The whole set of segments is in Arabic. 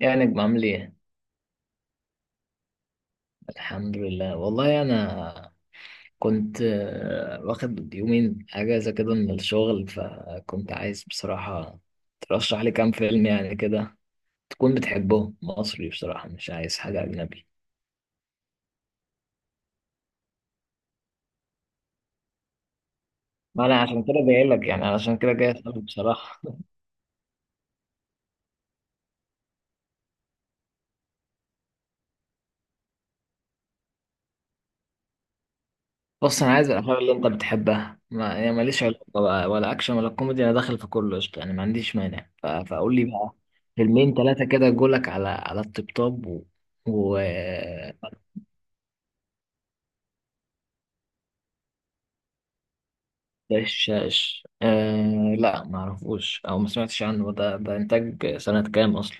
يا نجم عامل ايه؟ الحمد لله والله انا كنت واخد يومين اجازة كده من الشغل، فكنت عايز بصراحة ترشح لي كام فيلم يعني كده، تكون بتحبهم مصري. بصراحة مش عايز حاجة أجنبي. ما أنا عشان كده جاي لك، يعني علشان كده جاي أسألك بصراحة. بص، أنا عايز الأفلام اللي أنت بتحبها، ما يعني ماليش علاقة بقى، ولا أكشن ولا كوميدي، أنا داخل في كله قشطة يعني، ما عنديش مانع. فقول لي بقى فيلمين ثلاثة كده، جولك على الطبطاب و. ده الشاش، آه لا، ما اعرفوش او ما سمعتش عنه. ده انتاج سنة كام اصلا؟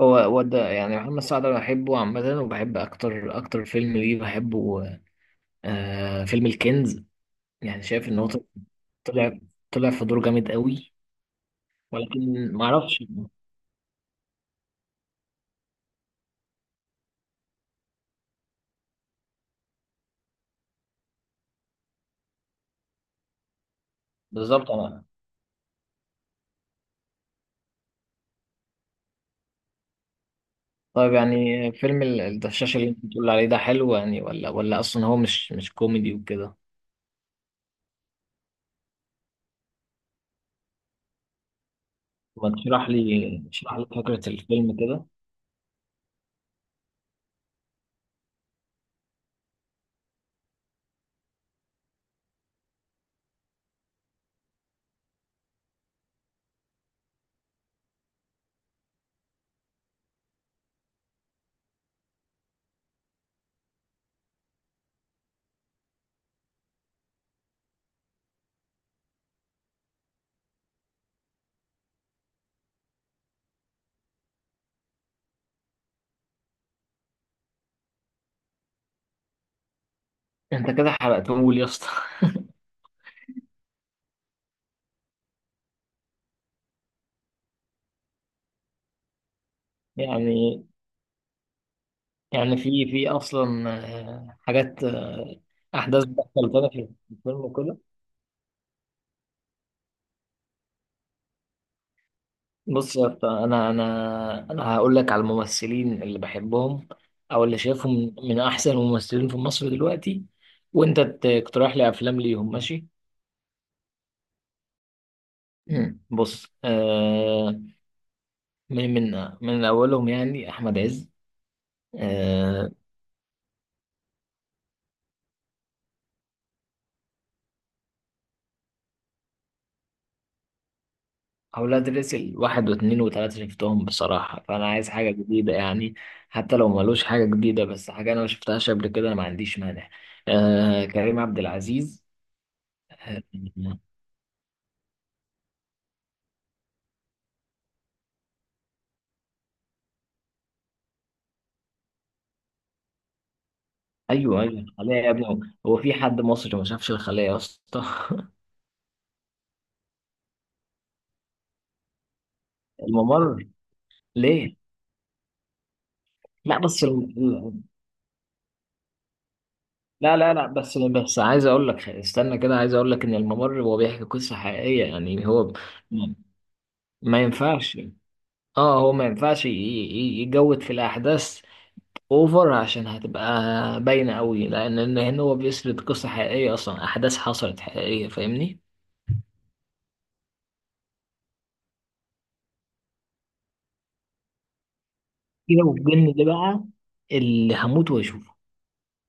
هو ده يعني محمد سعد، انا بحبه عامة، وبحب اكتر اكتر فيلم ليه بحبه فيلم الكنز. يعني شايف ان هو طلع طلع في دور جامد قوي، ولكن ما اعرفش بالظبط انا. طيب يعني فيلم الدشاش اللي انت بتقول عليه ده حلو يعني، ولا اصلا هو مش كوميدي وكده؟ ما تشرح لي، اشرح لي فكرة الفيلم كده. انت كده حرقته لي يا اسطى. يعني يعني في اصلا حاجات، احداث بتحصل تاني في الفيلم وكده؟ بص يا اسطى، انا هقول لك على الممثلين اللي بحبهم، او اللي شايفهم من احسن الممثلين في مصر دلوقتي، وانت تقترح لي افلام ليهم، ماشي؟ بص، من اولهم يعني احمد عز. آه. أولاد رزق واحد واتنين وتلاتة شفتهم بصراحة، فأنا عايز حاجة جديدة يعني. حتى لو ملوش حاجة جديدة، بس حاجة أنا ما شفتهاش قبل كده أنا ما عنديش مانع. كريم عبد العزيز، آه، أيوه أيوه، الخلية يا ابني. هو في حد مصري ما شافش الخلية يا اسطى؟ الممر. ليه؟ لا بس لا لا لا، بس عايز أقول لك، استنى كده، عايز أقول لك إن الممر هو بيحكي قصة حقيقية، يعني هو ما ينفعش. اه هو ما ينفعش يجود في الأحداث اوفر، عشان هتبقى باينه قوي، لان إن هنا هو بيسرد قصه حقيقيه، اصلا احداث حصلت حقيقيه، فاهمني؟ كيرة والجن ده بقى اللي هموت واشوفه.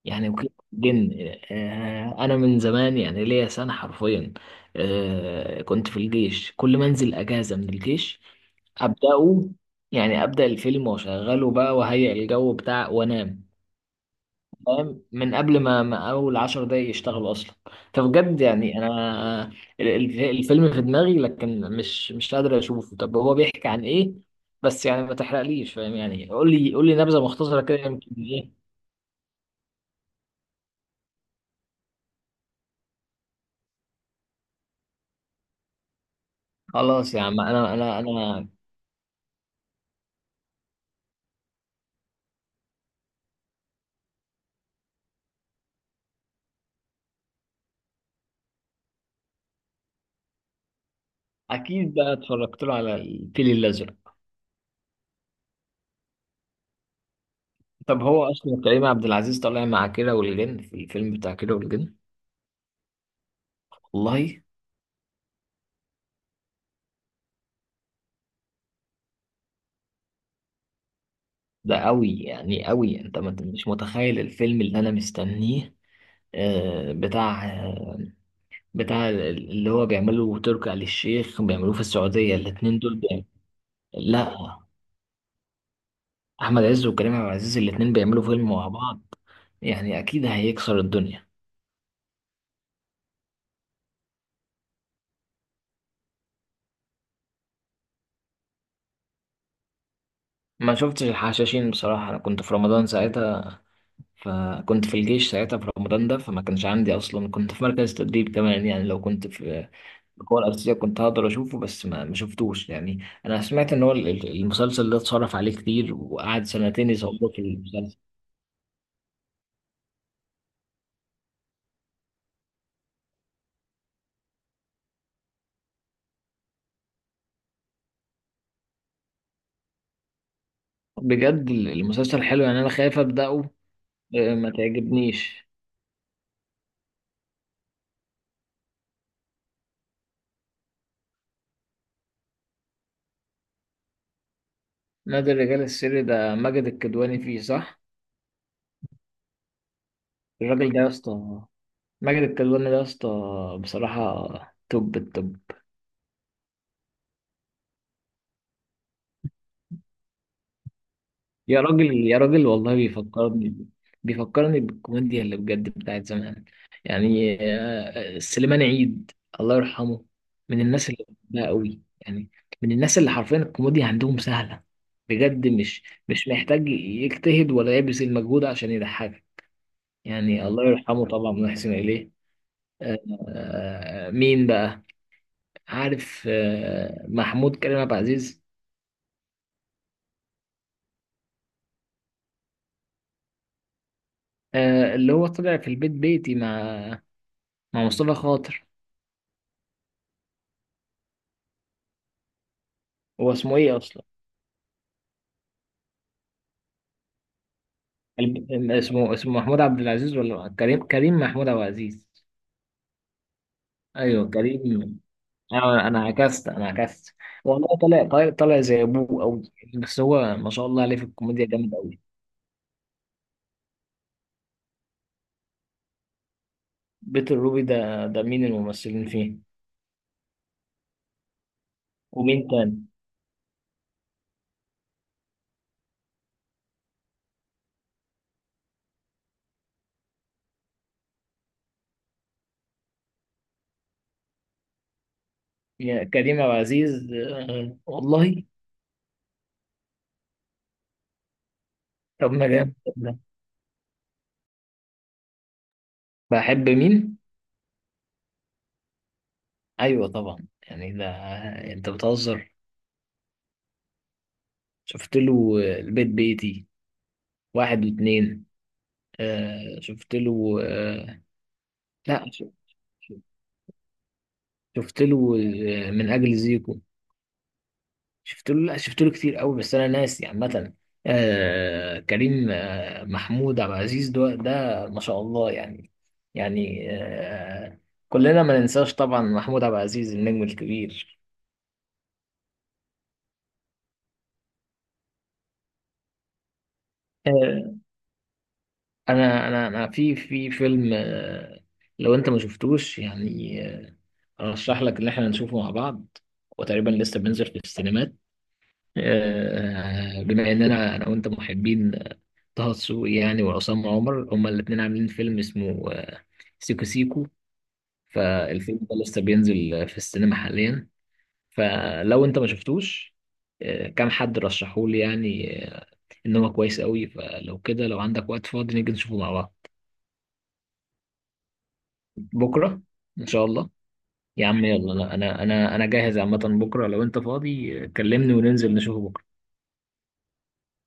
يعني وكيرة والجن، انا من زمان يعني ليا سنه حرفيا، كنت في الجيش، كل ما انزل اجازه من الجيش ابداه، يعني ابدا الفيلم واشغله بقى وهيئ الجو بتاع وانام. فاهم؟ من قبل ما اول عشر دقايق يشتغلوا اصلا. فبجد يعني انا، الفيلم في دماغي، لكن مش قادر اشوفه. طب هو بيحكي عن ايه؟ بس يعني ما تحرقليش، فاهم يعني، قول لي نبذه مختصره كده، يمكن ايه. خلاص يا عم، انا. اكيد بقى اتفرجت له على الفيل الازرق. طب هو اصلا كريم عبد العزيز طالع مع كيرة والجن في الفيلم بتاع كيرة والجن؟ والله. ده قوي يعني قوي، انت مش متخيل الفيلم اللي انا مستنيه، آه، بتاع بتاع اللي هو بيعمله تركي آل الشيخ، بيعملوه في السعودية، الاتنين دول بيعمل. لا، أحمد عز وكريم عبد العزيز الاتنين بيعملوا فيلم مع بعض، يعني أكيد هيكسر الدنيا. ما شفتش الحشاشين بصراحة، أنا كنت في رمضان ساعتها، فكنت في الجيش ساعتها في رمضان ده، فما كانش عندي أصلا، كنت في مركز تدريب كمان، يعني لو كنت في القوة الأرضية كنت هقدر أشوفه، بس ما شفتوش. يعني أنا سمعت إن هو المسلسل ده اتصرف عليه كتير، وقعد سنتين يصوروا في المسلسل. بجد المسلسل حلو يعني، أنا خايف أبدأه، ما تعجبنيش. نادي الرجال السري ده ماجد الكدواني فيه، صح؟ الراجل ده يا اسطى، ماجد الكدواني ده يا اسطى، بصراحة توب التوب. يا راجل يا راجل، والله بيفكرني بالكوميديا اللي بجد بتاعت زمان، يعني سليمان عيد، الله يرحمه، من الناس اللي بحبها قوي يعني، من الناس اللي حرفيا الكوميديا عندهم سهلة، بجد مش محتاج يجتهد ولا يبذل مجهود عشان يضحكك، يعني الله يرحمه طبعا ونحسن إليه. مين بقى؟ عارف محمود كريم عبد العزيز؟ اللي هو طلع في البيت بيتي مع مصطفى خاطر. هو اسمه ايه اصلا؟ اسمه محمود عبد العزيز ولا كريم محمود عبد العزيز؟ ايوه كريم، أيوه، انا انا عكست، انا عكست. والله طلع زي ابوه قوي، بس هو ما شاء الله عليه في الكوميديا جامد قوي. بيت الروبي ده مين الممثلين فيه؟ ومين تاني؟ يا كريم عبد العزيز، والله. طب ما جامد. بحب مين؟ أيوة طبعا يعني ده، أنت بتهزر. شفت له البيت بيتي واحد واتنين، شفت له. لا شفت له من أجل زيكو. شفت له. لا شفت له كتير قوي، بس أنا ناسي عامة. كريم محمود عبد العزيز ده, ما شاء الله يعني، يعني، كلنا ما ننساش طبعا محمود عبد العزيز النجم الكبير. آه، انا في في فيلم، لو انت ما شفتوش يعني، ارشح لك ان احنا نشوفه مع بعض، وتقريبا لسه بينزل في السينمات. بما اننا انا وانت محبين طه دسوقي يعني، وعصام عمر هما الاثنين عاملين فيلم اسمه سيكو سيكو. فالفيلم ده لسه بينزل في السينما حاليا، فلو انت ما شفتوش، كام حد رشحولي يعني، ان هو كويس قوي، فلو كده لو عندك وقت فاضي نيجي نشوفه مع بعض. بكره ان شاء الله. يا عم يلا، لا، انا جاهز عامه، بكره لو انت فاضي كلمني وننزل نشوفه بكره.